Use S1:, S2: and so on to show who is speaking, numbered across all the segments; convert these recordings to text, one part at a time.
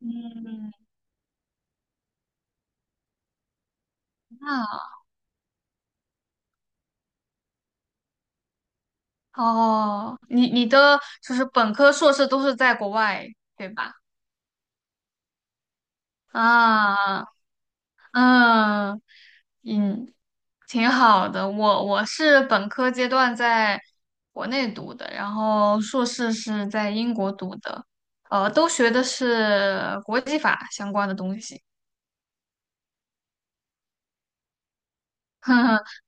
S1: 嗯，那哦，你的就是本科、硕士都是在国外，对吧？啊，嗯嗯，挺好的。我是本科阶段在国内读的，然后硕士是在英国读的，都学的是国际法相关的东西。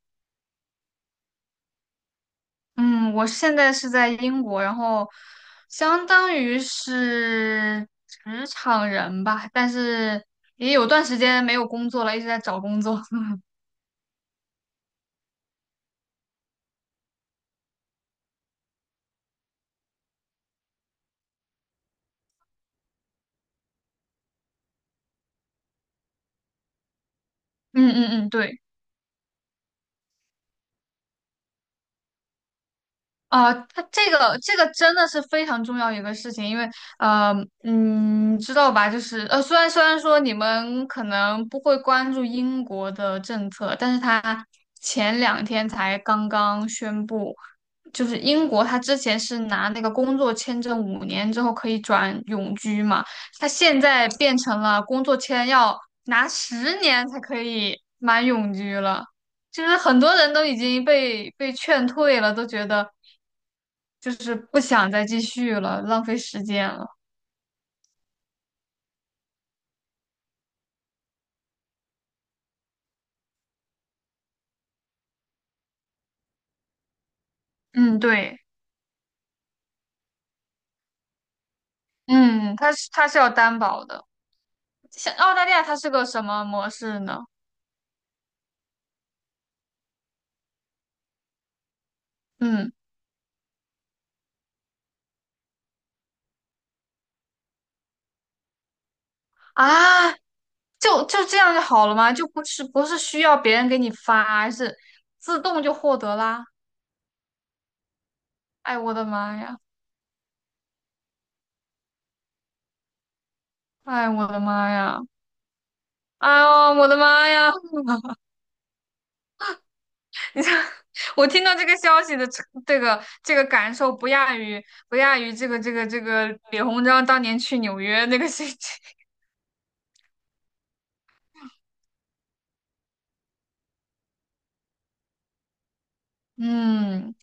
S1: 嗯，我现在是在英国，然后相当于是职场人吧，但是也有段时间没有工作了，一直在找工作。嗯嗯嗯，对啊，它这个真的是非常重要一个事情，因为呃，知道吧？就是虽然说你们可能不会关注英国的政策，但是它前两天才刚刚宣布。就是英国，他之前是拿那个工作签证5年之后可以转永居嘛，他现在变成了工作签要拿10年才可以满永居了，就是很多人都已经被劝退了，都觉得就是不想再继续了，浪费时间了。嗯，对，嗯，他是要担保的。像澳大利亚，它是个什么模式呢？嗯。啊，就这样就好了吗？就不是需要别人给你发，是自动就获得啦。哎，我的妈呀！哎，我的妈呀！哎呦，我的妈呀！你这，我听到这个消息的这个感受，不亚于这个李鸿章当年去纽约那个事情。嗯，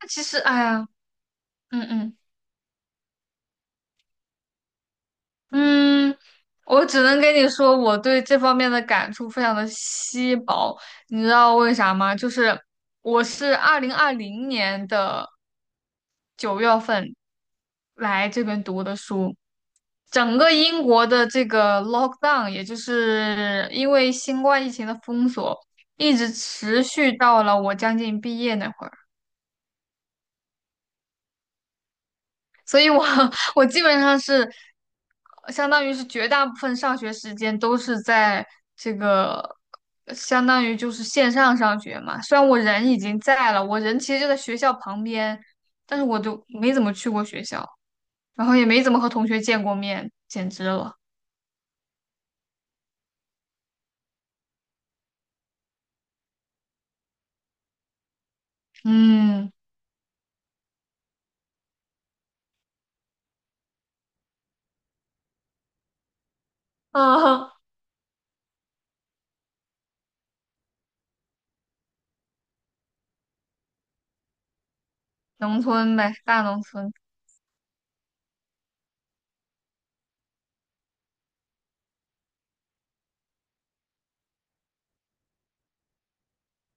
S1: 那其实，哎呀，嗯嗯。嗯，我只能跟你说，我对这方面的感触非常的稀薄。你知道为啥吗？就是我是2020年的9月份来这边读的书，整个英国的这个 lockdown,也就是因为新冠疫情的封锁，一直持续到了我将近毕业那会儿，所以我 我基本上是。相当于是绝大部分上学时间都是在这个，相当于就是线上上学嘛。虽然我人已经在了，我人其实就在学校旁边，但是我就没怎么去过学校，然后也没怎么和同学见过面，简直了。嗯啊，农村呗，大农村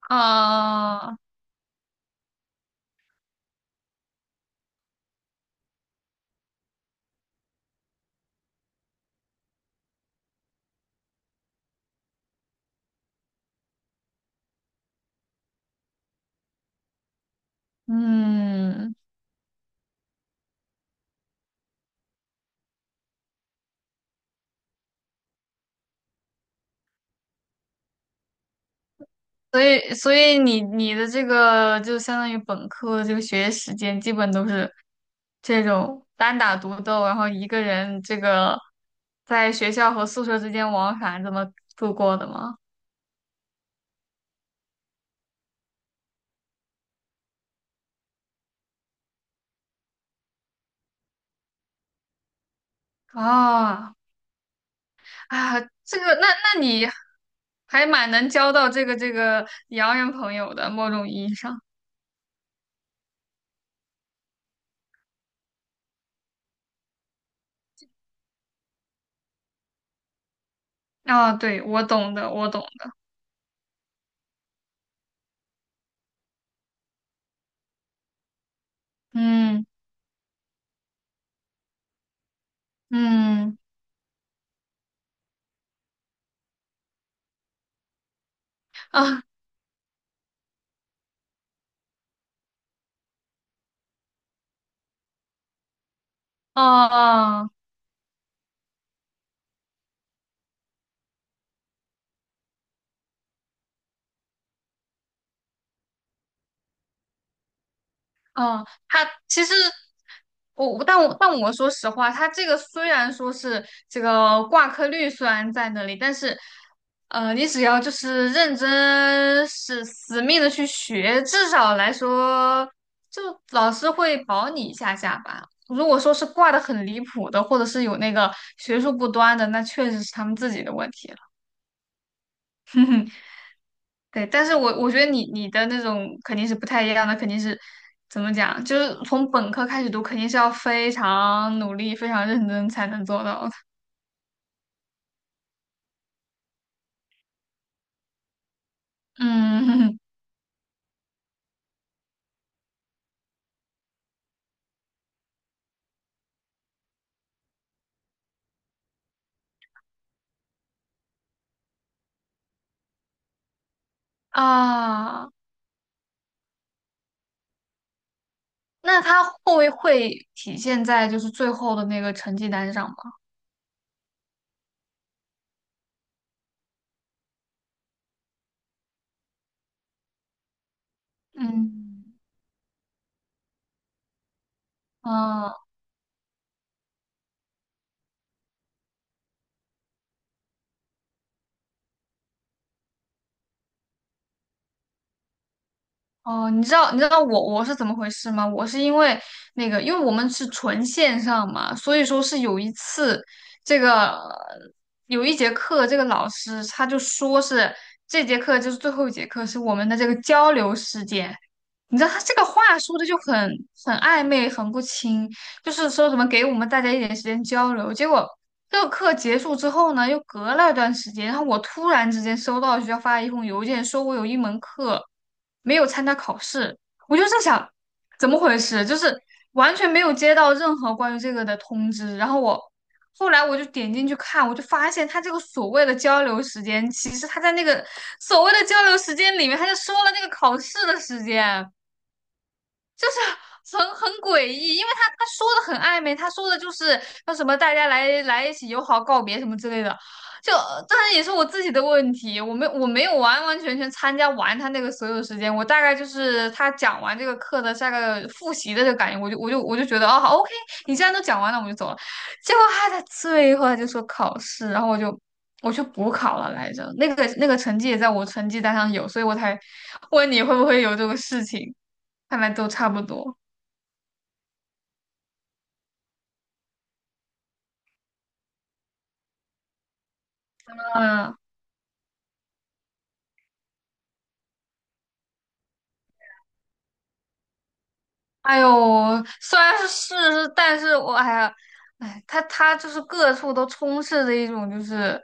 S1: 啊，嗯。所以,你的这个就相当于本科这个学业时间，基本都是这种单打独斗，然后一个人这个在学校和宿舍之间往返这么度过的吗？哦，啊，这个，那你还蛮能交到这个洋人朋友的，某种意义上。啊，对，我懂的，我懂的。嗯嗯啊哦哦。哦嗯，他其实我，但我说实话，他这个虽然说是这个挂科率虽然在那里，但是，你只要就是认真是死命的去学，至少来说，就老师会保你一下下吧。如果说是挂的很离谱的，或者是有那个学术不端的，那确实是他们自己的问题。对，但是我觉得你的那种肯定是不太一样的，肯定是怎么讲，就是从本科开始读，肯定是要非常努力、非常认真才能做到的。嗯 啊，那他会不会体现在就是最后的那个成绩单上吗？嗯啊。哦，你知道我是怎么回事吗？我是因为那个，因为我们是纯线上嘛，所以说是有一次，这个有一节课，这个老师他就说是这节课就是最后一节课，是我们的这个交流时间。你知道他这个话说的就很暧昧，很不清，就是说什么给我们大家一点时间交流，结果。这个课结束之后呢，又隔了一段时间，然后我突然之间收到学校发了一封邮件，说我有一门课没有参加考试，我就在想怎么回事，就是完全没有接到任何关于这个的通知。然后我后来我就点进去看，我就发现他这个所谓的交流时间，其实他在那个所谓的交流时间里面，他就说了那个考试的时间。很诡异，因为他说的很暧昧，他说的就是说什么大家来一起友好告别什么之类的，就当然也是我自己的问题，我没有完完全全参加完他那个所有时间，我大概就是他讲完这个课的下个复习的这个感觉，我就觉得啊哦好 OK,你既然都讲完了，我就走了。结果他在最后他就说考试，然后我去补考了来着，那个成绩也在我成绩单上有，所以我才问你会不会有这个事情，看来都差不多。嗯，哎呦，虽然是，但是我哎呀，哎，它就是各处都充斥着一种就是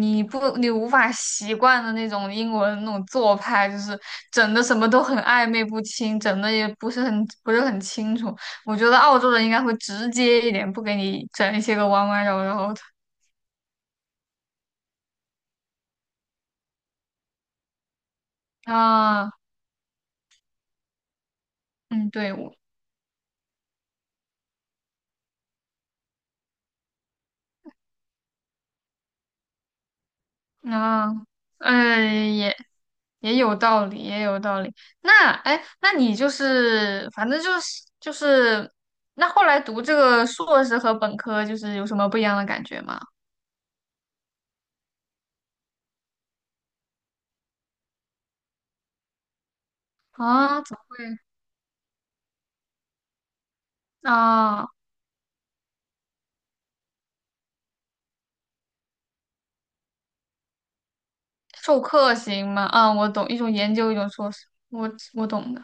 S1: 你无法习惯的那种英文那种做派，就是整的什么都很暧昧不清，整的也不是很清楚。我觉得澳洲人应该会直接一点，不给你整一些个弯弯绕绕的。啊，嗯，对，我啊，哎也。也有道理，也有道理。那哎，那你就是反正就是，那后来读这个硕士和本科就是有什么不一样的感觉吗？啊，啊，授课型吗？啊，我懂，一种研究，一种硕士，我懂的。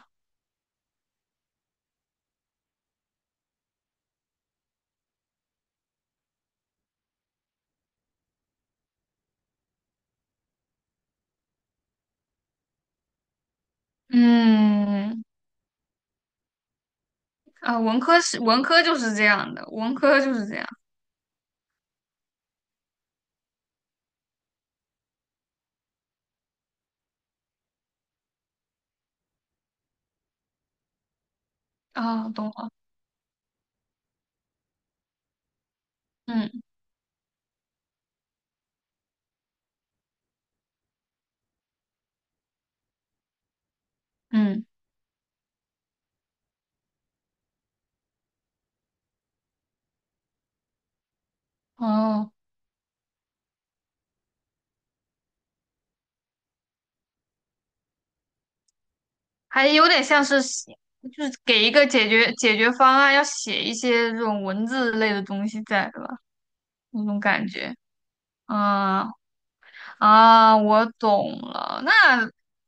S1: 嗯，啊，文科是文科就是这样的，文科就是这样啊，懂了。嗯嗯，哦。还有点像是写，就是给一个解决方案，要写一些这种文字类的东西在吧，那种感觉。嗯啊，我懂了。那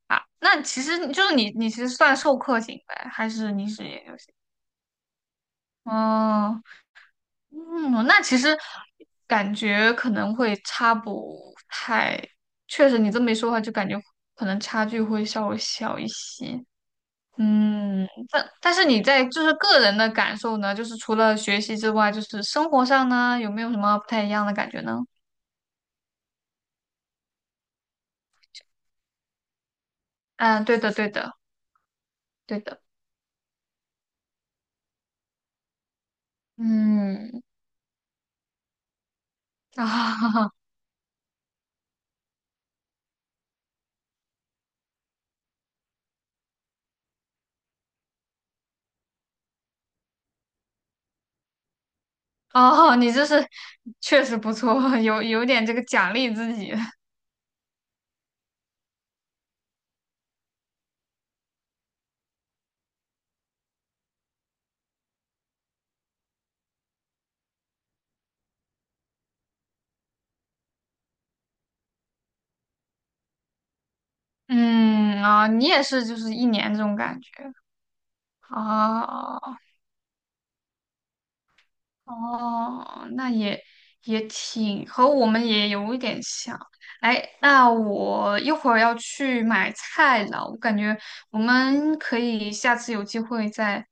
S1: 啊，那其实你就是你，你其实算授课型呗，还是你是研究型？哦，嗯，那其实感觉可能会差不太，确实你这么一说的话，就感觉可能差距会稍微小一些。嗯，但是你在就是个人的感受呢，就是除了学习之外，就是生活上呢，有没有什么不太一样的感觉呢？嗯，对的，对的，对的，嗯，啊，哦，你这是确实不错，有点这个奖励自己，嗯啊，你也是就是一年这种感觉啊，哦哦，那也挺和我们也有一点像。哎，那我一会儿要去买菜了，我感觉我们可以下次有机会再